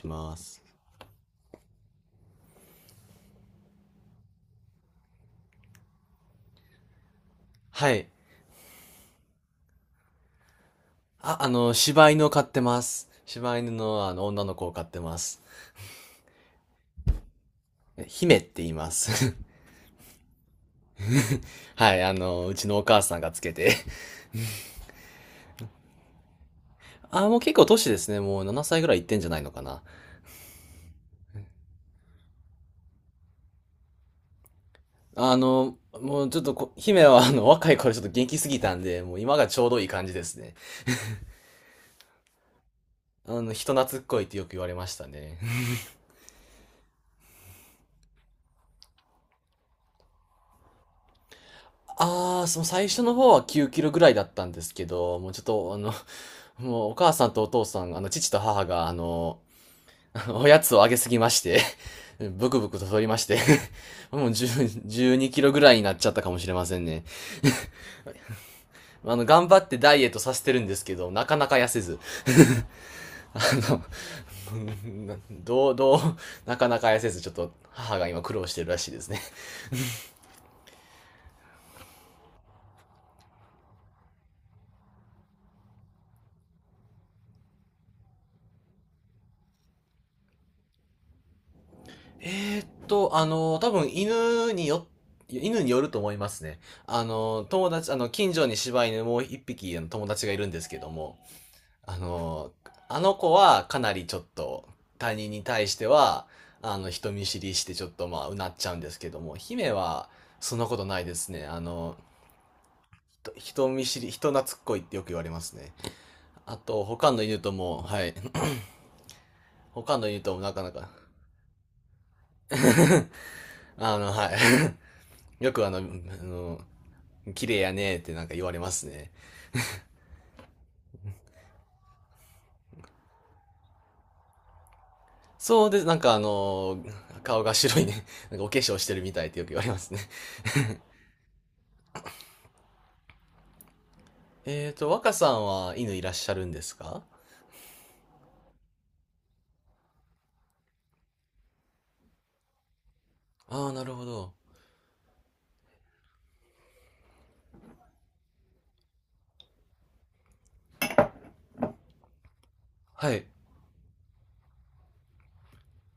します。はい。柴犬を飼ってます。柴犬の、女の子を飼ってます。え姫って言います。はい、うちのお母さんがつけて。あ、もう結構年ですね。もう7歳ぐらいいってんじゃないのかな。あの、もうちょっとこ、姫は若い頃ちょっと元気すぎたんで、もう今がちょうどいい感じですね。人懐っこいってよく言われましたね。あー、その最初の方は9キロぐらいだったんですけど、もうちょっと、あの、もうお母さんとお父さん、父と母が、おやつをあげすぎまして ブクブクと太りまして もう10 12キロぐらいになっちゃったかもしれませんね。頑張ってダイエットさせてるんですけど、なかなか痩せず。あどう、どう、なかなか痩せず、ちょっと母が今苦労してるらしいですね。多分犬によると思いますね。あの、友達、あの、近所に柴犬もう一匹友達がいるんですけども、あの、あの子はかなりちょっと他人に対しては、人見知りしてちょっとまあ、うなっちゃうんですけども、姫はそんなことないですね。あの、人人見知り、人懐っこいってよく言われますね。あと、他の犬とも、はい。他の犬ともなかなか はい。よくあの、あの、綺麗やねーってなんか言われますね。そうです。顔が白いね。なんかお化粧してるみたいってよく言われますね。若さんは犬いらっしゃるんですか？ああー、なるほど。はい。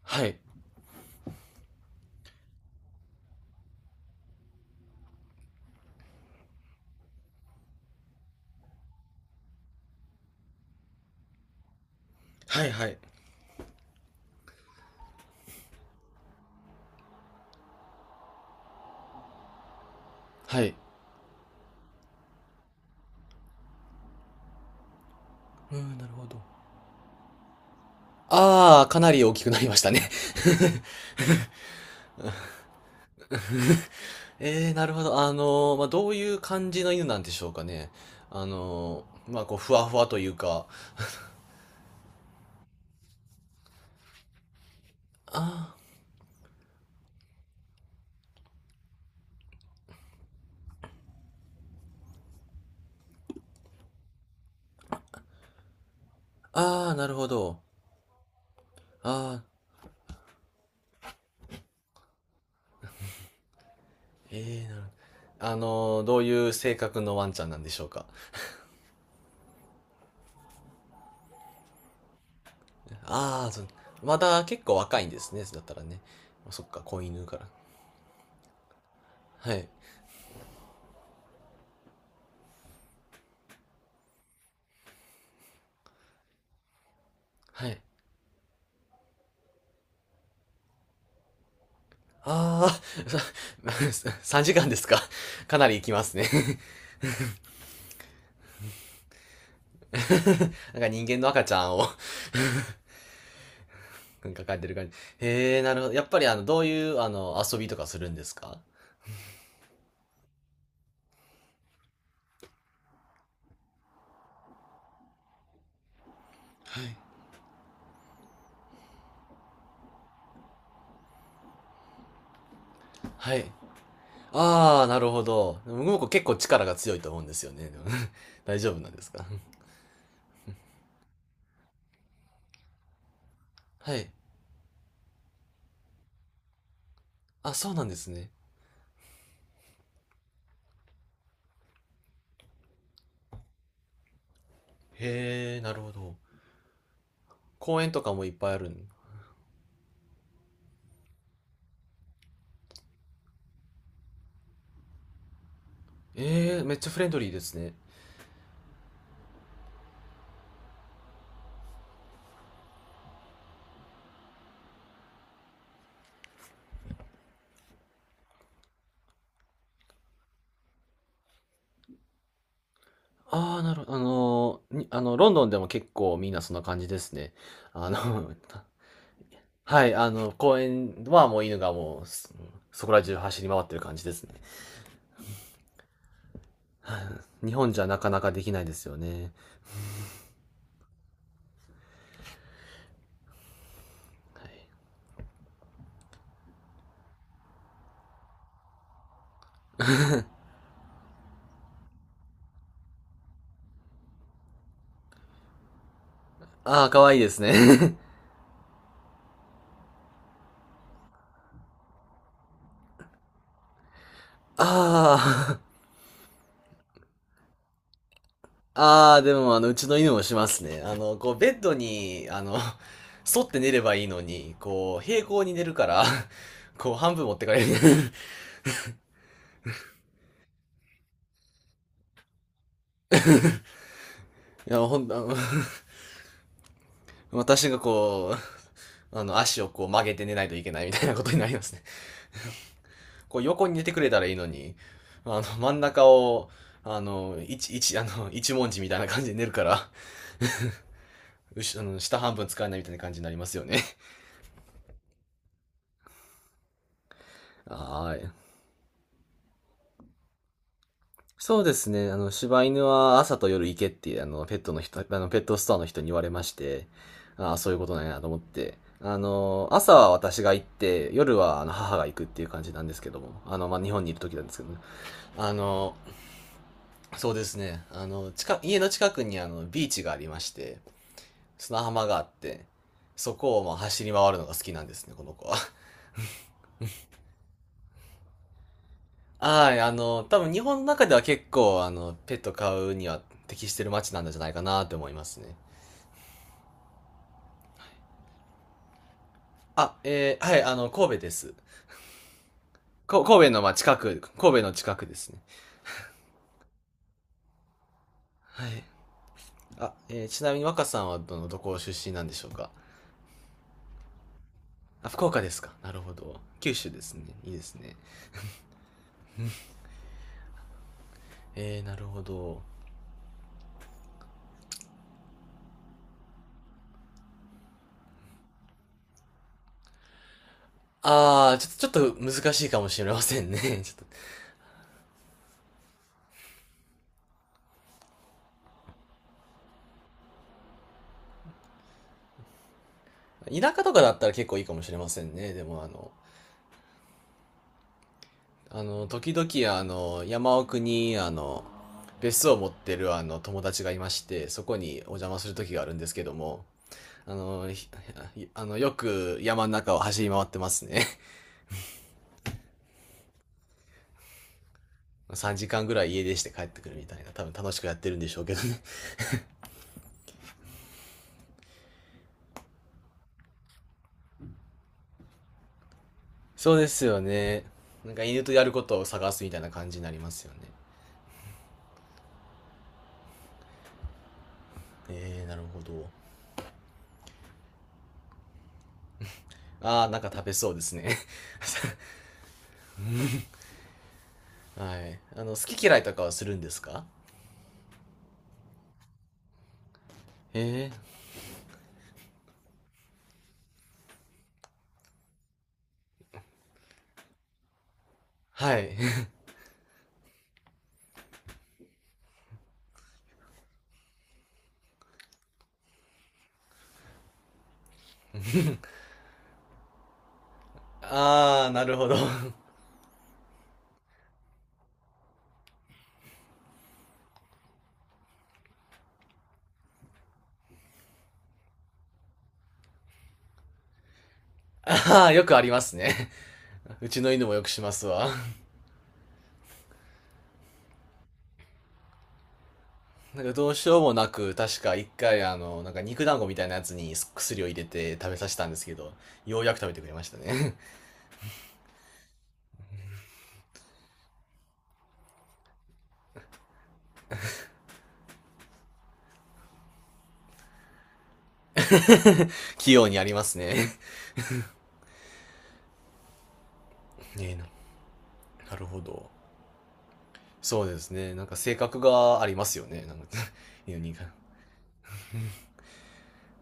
はい。はい、はい。はい。うん、なるほど。ああ、かなり大きくなりましたね。 えー、なるほど。まあ、どういう感じの犬なんでしょうかね。まあ、こう、ふわふわというか。ああ、ああ、なるほど。ああ、ええ、なるほど。あのどういう性格のワンちゃんなんでしょうか。ああ、そう、まだ結構若いんですね。だったらね。そっか、子犬から。はい。はい。ああ、3時間ですか。かなり行きますね。なんか人間の赤ちゃんを なんか描いてる感じ。へえ、なるほど。やっぱりあの、どういうあの、遊びとかするんですか？はいはい。ああ、なるほど。僕う結構力が強いと思うんですよね。でも 大丈夫なんですか？はい。あ、そうなんですね。へえ、なるほど。公園とかもいっぱいあるん。ええ、めっちゃフレンドリーですね。ああ、なるほど。あのー、にあの、ロンドンでも結構みんなそんな感じですね。あの、はい、公園はもう犬がもう、そこら中走り回ってる感じですね。日本じゃなかなかできないですよね。はい。ああ、可愛いいですね。あああ、でもあの、うちの犬もしますね。ベッドに、沿って寝ればいいのに、こう、平行に寝るから、こう、半分持ってかれる。いや、ほん、あの、私がこう、足をこう曲げて寝ないといけないみたいなことになりますね。こう横に寝てくれたらいいのに、真ん中を、あの、一、一、あの、一文字みたいな感じで寝るから、あの下半分使えないみたいな感じになりますよね。はい。そうですね。あの、柴犬は朝と夜行けって、ペットストアの人に言われまして、ああ、そういうことなんやなと思って。あの、朝は私が行って、夜はあの母が行くっていう感じなんですけども。あの、まあ、日本にいる時なんですけどね。あの、そうですね。家の近くにあの、ビーチがありまして、砂浜があって、そこをまあ走り回るのが好きなんですね、この子は。はい、あの、多分日本の中では結構、あの、ペット飼うには適してる街なんじゃないかなと思いますね。はい、あの、神戸です。神戸のまあ近く、神戸の近くですね。はい。ちなみに若さんはどこ出身なんでしょうか？あ、福岡ですか。なるほど。九州ですね。いいですね。えー、なるほど。ああ、ちょっと難しいかもしれませんね。ちょっと、田舎とかだったら結構いいかもしれませんね。でもあの、時々あの、山奥にあの、別荘を持ってるあの、友達がいまして、そこにお邪魔する時があるんですけども、あの、ひあの、よく山の中を走り回ってますね。3時間ぐらい家出して帰ってくるみたいな、多分楽しくやってるんでしょうけどね。そうですよね。なんか犬とやることを探すみたいな感じになりますよね。えー、なるほど。ああ、なんか食べそうですね。はい。あの、好き嫌いとかはするんですか？ええ、はい。ああ、なるほど。ああ、よくありますね。うちの犬もよくしますわ。なんかどうしようもなく、確か一回あの、なんか肉団子みたいなやつに薬を入れて食べさせたんですけど、ようやく食べてくれましたね。器用にありますね。ねえななるほど。そうですね。なんか性格がありますよね。なんか 犬に。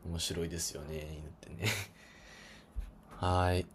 面白いですよね、犬ってね。はい。